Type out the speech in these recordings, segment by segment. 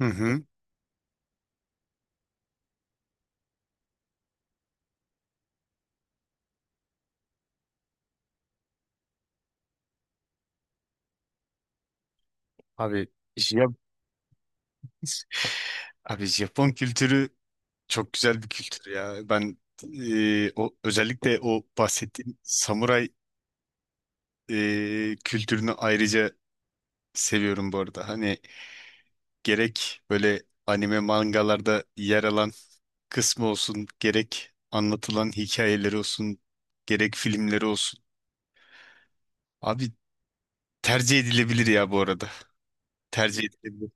Hı hı. Abi, Jap abi Japon kültürü çok güzel bir kültür ya. O özellikle o bahsettiğim samuray kültürünü ayrıca seviyorum bu arada. Hani gerek böyle anime mangalarda yer alan kısmı olsun, gerek anlatılan hikayeleri olsun, gerek filmleri olsun. Abi tercih edilebilir ya bu arada. Tercih edilebilir.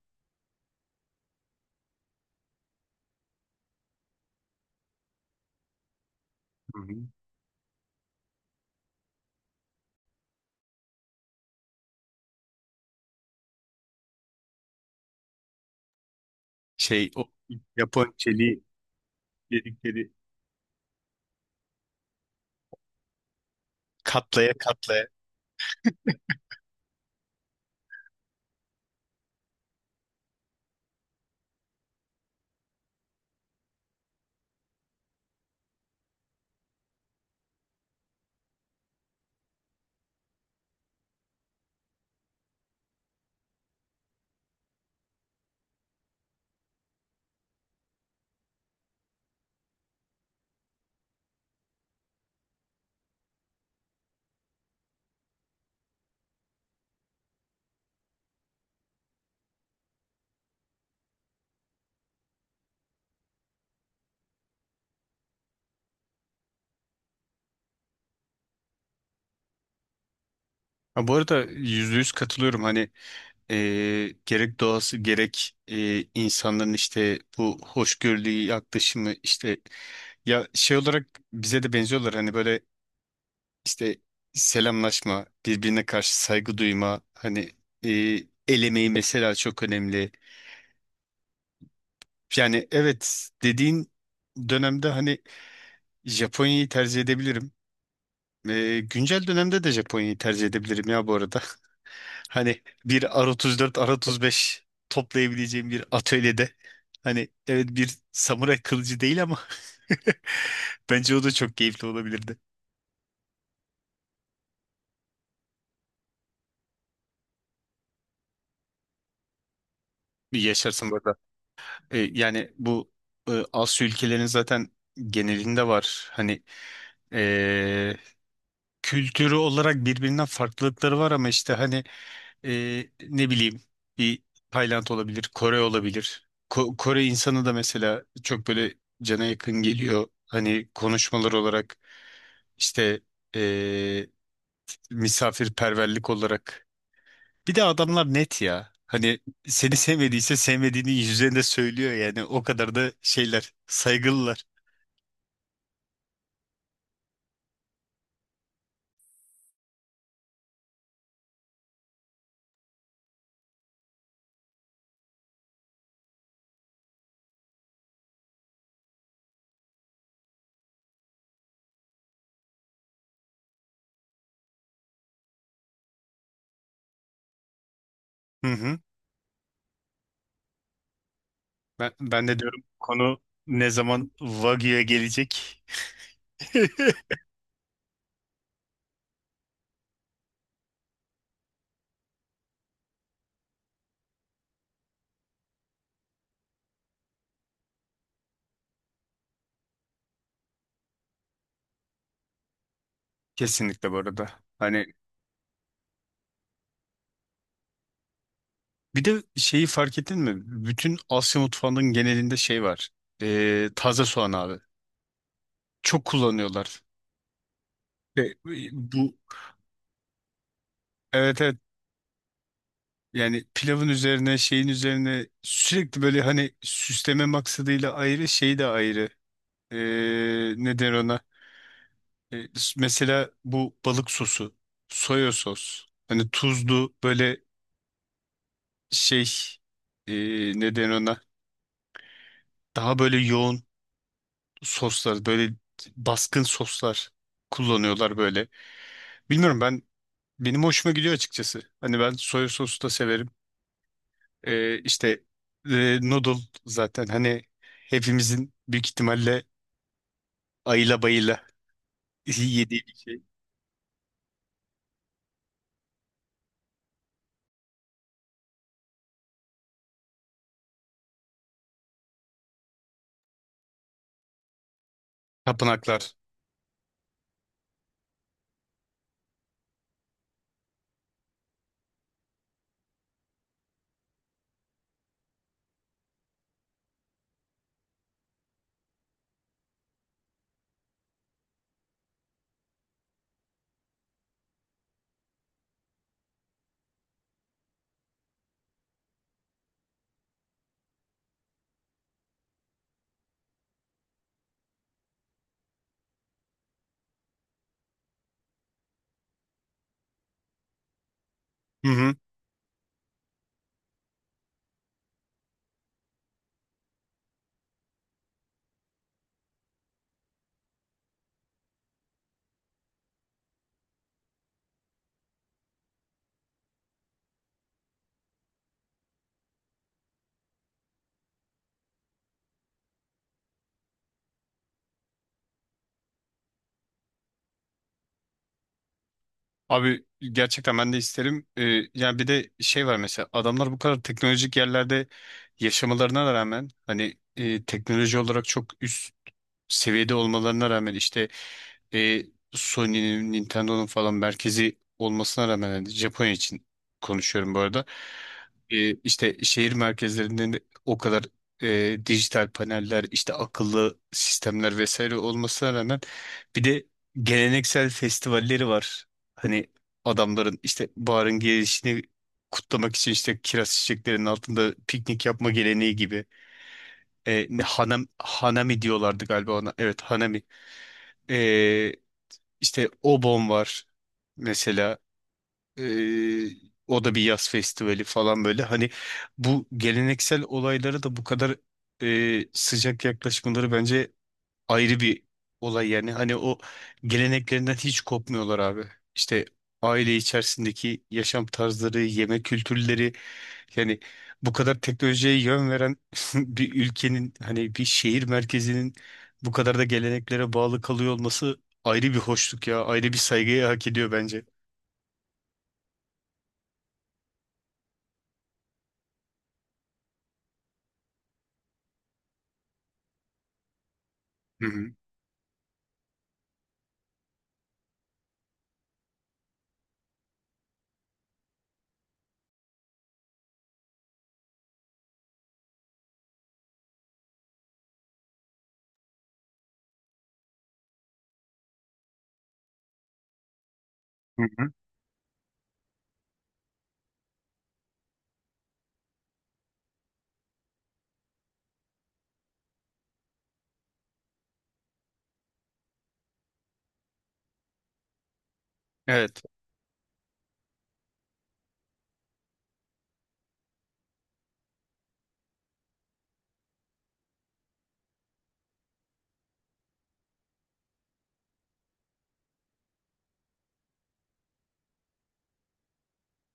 Hı hı. O Japon çeliği dedikleri katla Ha, bu arada yüzde yüz katılıyorum. Hani gerek doğası gerek insanların işte bu hoşgörülü yaklaşımı ya şey olarak bize de benziyorlar. Hani böyle işte selamlaşma, birbirine karşı saygı duyma, hani e, el emeği mesela çok önemli. Yani evet dediğin dönemde hani Japonya'yı tercih edebilirim. Güncel dönemde de Japonya'yı tercih edebilirim ya bu arada. Hani bir R34, R35 toplayabileceğim bir atölyede. Hani evet bir samuray kılıcı değil ama bence o da çok keyifli olabilirdi. Bir yaşarsın burada. Yani bu Asya ülkelerinin zaten genelinde var. Hani kültürü olarak birbirinden farklılıkları var ama işte hani ne bileyim bir Tayland olabilir, Kore olabilir. Kore insanı da mesela çok böyle cana yakın geliyor. Hani konuşmalar olarak işte e, misafirperverlik olarak. Bir de adamlar net ya. Hani seni sevmediyse sevmediğini yüzlerinde söylüyor yani. O kadar da şeyler, saygılılar. Hı hı. Ben de diyorum konu ne zaman Wagyu'ya gelecek? Kesinlikle bu arada. Hani bir de şeyi fark ettin mi? Bütün Asya mutfağının genelinde şey var. Taze soğan abi. Çok kullanıyorlar. Ve e, bu evet evet yani pilavın üzerine şeyin üzerine sürekli böyle hani süsleme maksadıyla ayrı şey de ayrı. Ne der ona? Ee, Mesela bu balık sosu. Soya sos. Hani tuzlu böyle şey ee, ne der ona? Daha böyle yoğun soslar, böyle baskın soslar kullanıyorlar böyle. Bilmiyorum, benim hoşuma gidiyor açıkçası. Hani ben soya sosu da severim. İşte e, noodle zaten hani hepimizin büyük ihtimalle ayıla bayıla yediği bir şey. Tapınaklar. Hı hı. Abi gerçekten ben de isterim. Yani bir de şey var mesela adamlar bu kadar teknolojik yerlerde yaşamalarına rağmen hani teknoloji olarak çok üst seviyede olmalarına rağmen işte e, Sony'nin, Nintendo'nun falan merkezi olmasına rağmen hani Japonya için konuşuyorum bu arada. İşte şehir merkezlerinde de o kadar dijital paneller, işte akıllı sistemler vesaire olmasına rağmen bir de geleneksel festivalleri var. Hani adamların işte baharın gelişini kutlamak için işte kiraz çiçeklerinin altında piknik yapma geleneği gibi. Hanami diyorlardı galiba ona. Evet hanami. E, işte Obon var mesela. Ee, O da bir yaz festivali falan böyle. Hani bu geleneksel olaylara da bu kadar sıcak yaklaşmaları bence ayrı bir olay yani. Hani o geleneklerinden hiç kopmuyorlar abi. İşte aile içerisindeki yaşam tarzları, yemek kültürleri yani bu kadar teknolojiye yön veren bir ülkenin hani bir şehir merkezinin bu kadar da geleneklere bağlı kalıyor olması ayrı bir hoşluk ya. Ayrı bir saygıyı hak ediyor bence. Hı hı. Hı hı. Evet.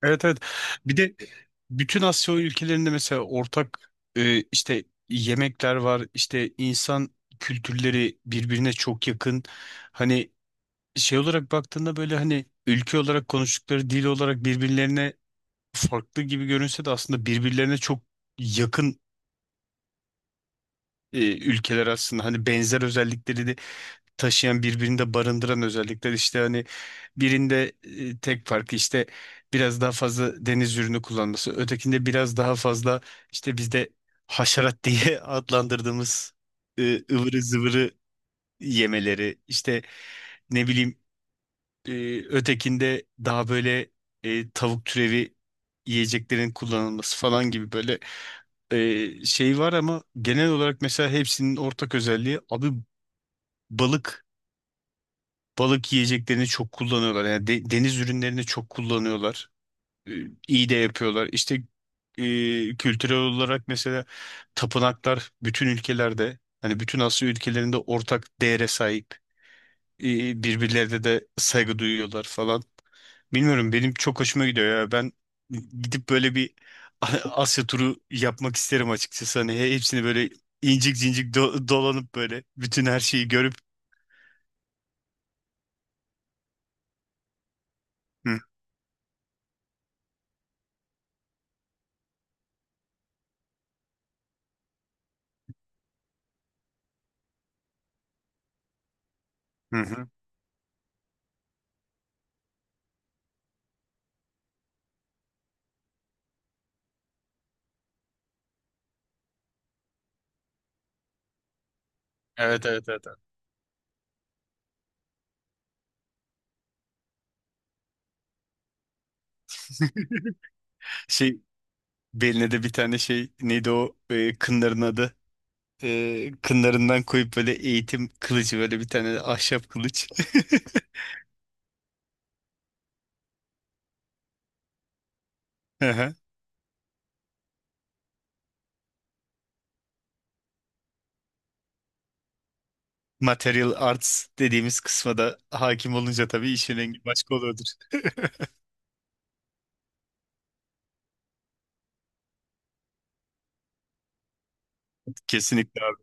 Evet evet. Bir de bütün Asya ülkelerinde mesela ortak e, işte yemekler var. İşte insan kültürleri birbirine çok yakın. Hani şey olarak baktığında böyle hani ülke olarak konuştukları dil olarak birbirlerine farklı gibi görünse de aslında birbirlerine çok yakın ülkeler aslında. Hani benzer özellikleri de taşıyan birbirinde barındıran özellikler işte hani birinde tek farkı işte biraz daha fazla deniz ürünü kullanması, ötekinde biraz daha fazla işte bizde haşerat diye adlandırdığımız ıvırı zıvırı yemeleri işte ne bileyim e, ötekinde daha böyle tavuk türevi yiyeceklerin kullanılması falan gibi böyle şey var ama genel olarak mesela hepsinin ortak özelliği abi balık balık yiyeceklerini çok kullanıyorlar. Yani deniz ürünlerini çok kullanıyorlar. Ee, İyi de yapıyorlar. İşte kültürel olarak mesela tapınaklar bütün ülkelerde hani bütün Asya ülkelerinde ortak değere sahip. Birbirlerine de saygı duyuyorlar falan. Bilmiyorum benim çok hoşuma gidiyor ya. Ben gidip böyle bir Asya turu yapmak isterim açıkçası. Hani hepsini böyle incik cincik dolanıp böyle bütün her şeyi görüp Hı hı. Hı. Evet evet evet. Evet. Şey Beline de bir tane şey neydi o, kınların adı. Kınlarından koyup böyle eğitim kılıcı, böyle bir tane de ahşap kılıç. Hı hı. Material arts dediğimiz kısma da hakim olunca tabii işin rengi başka oluyordur. Kesinlikle abi.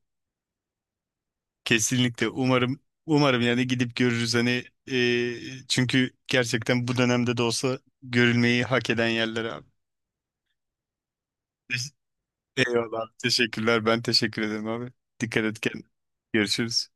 Kesinlikle. Umarım yani gidip görürüz hani çünkü gerçekten bu dönemde de olsa görülmeyi hak eden yerler abi. Teş- Eyvallah. Teşekkürler. Ben teşekkür ederim abi. Dikkat et kendine. Görüşürüz.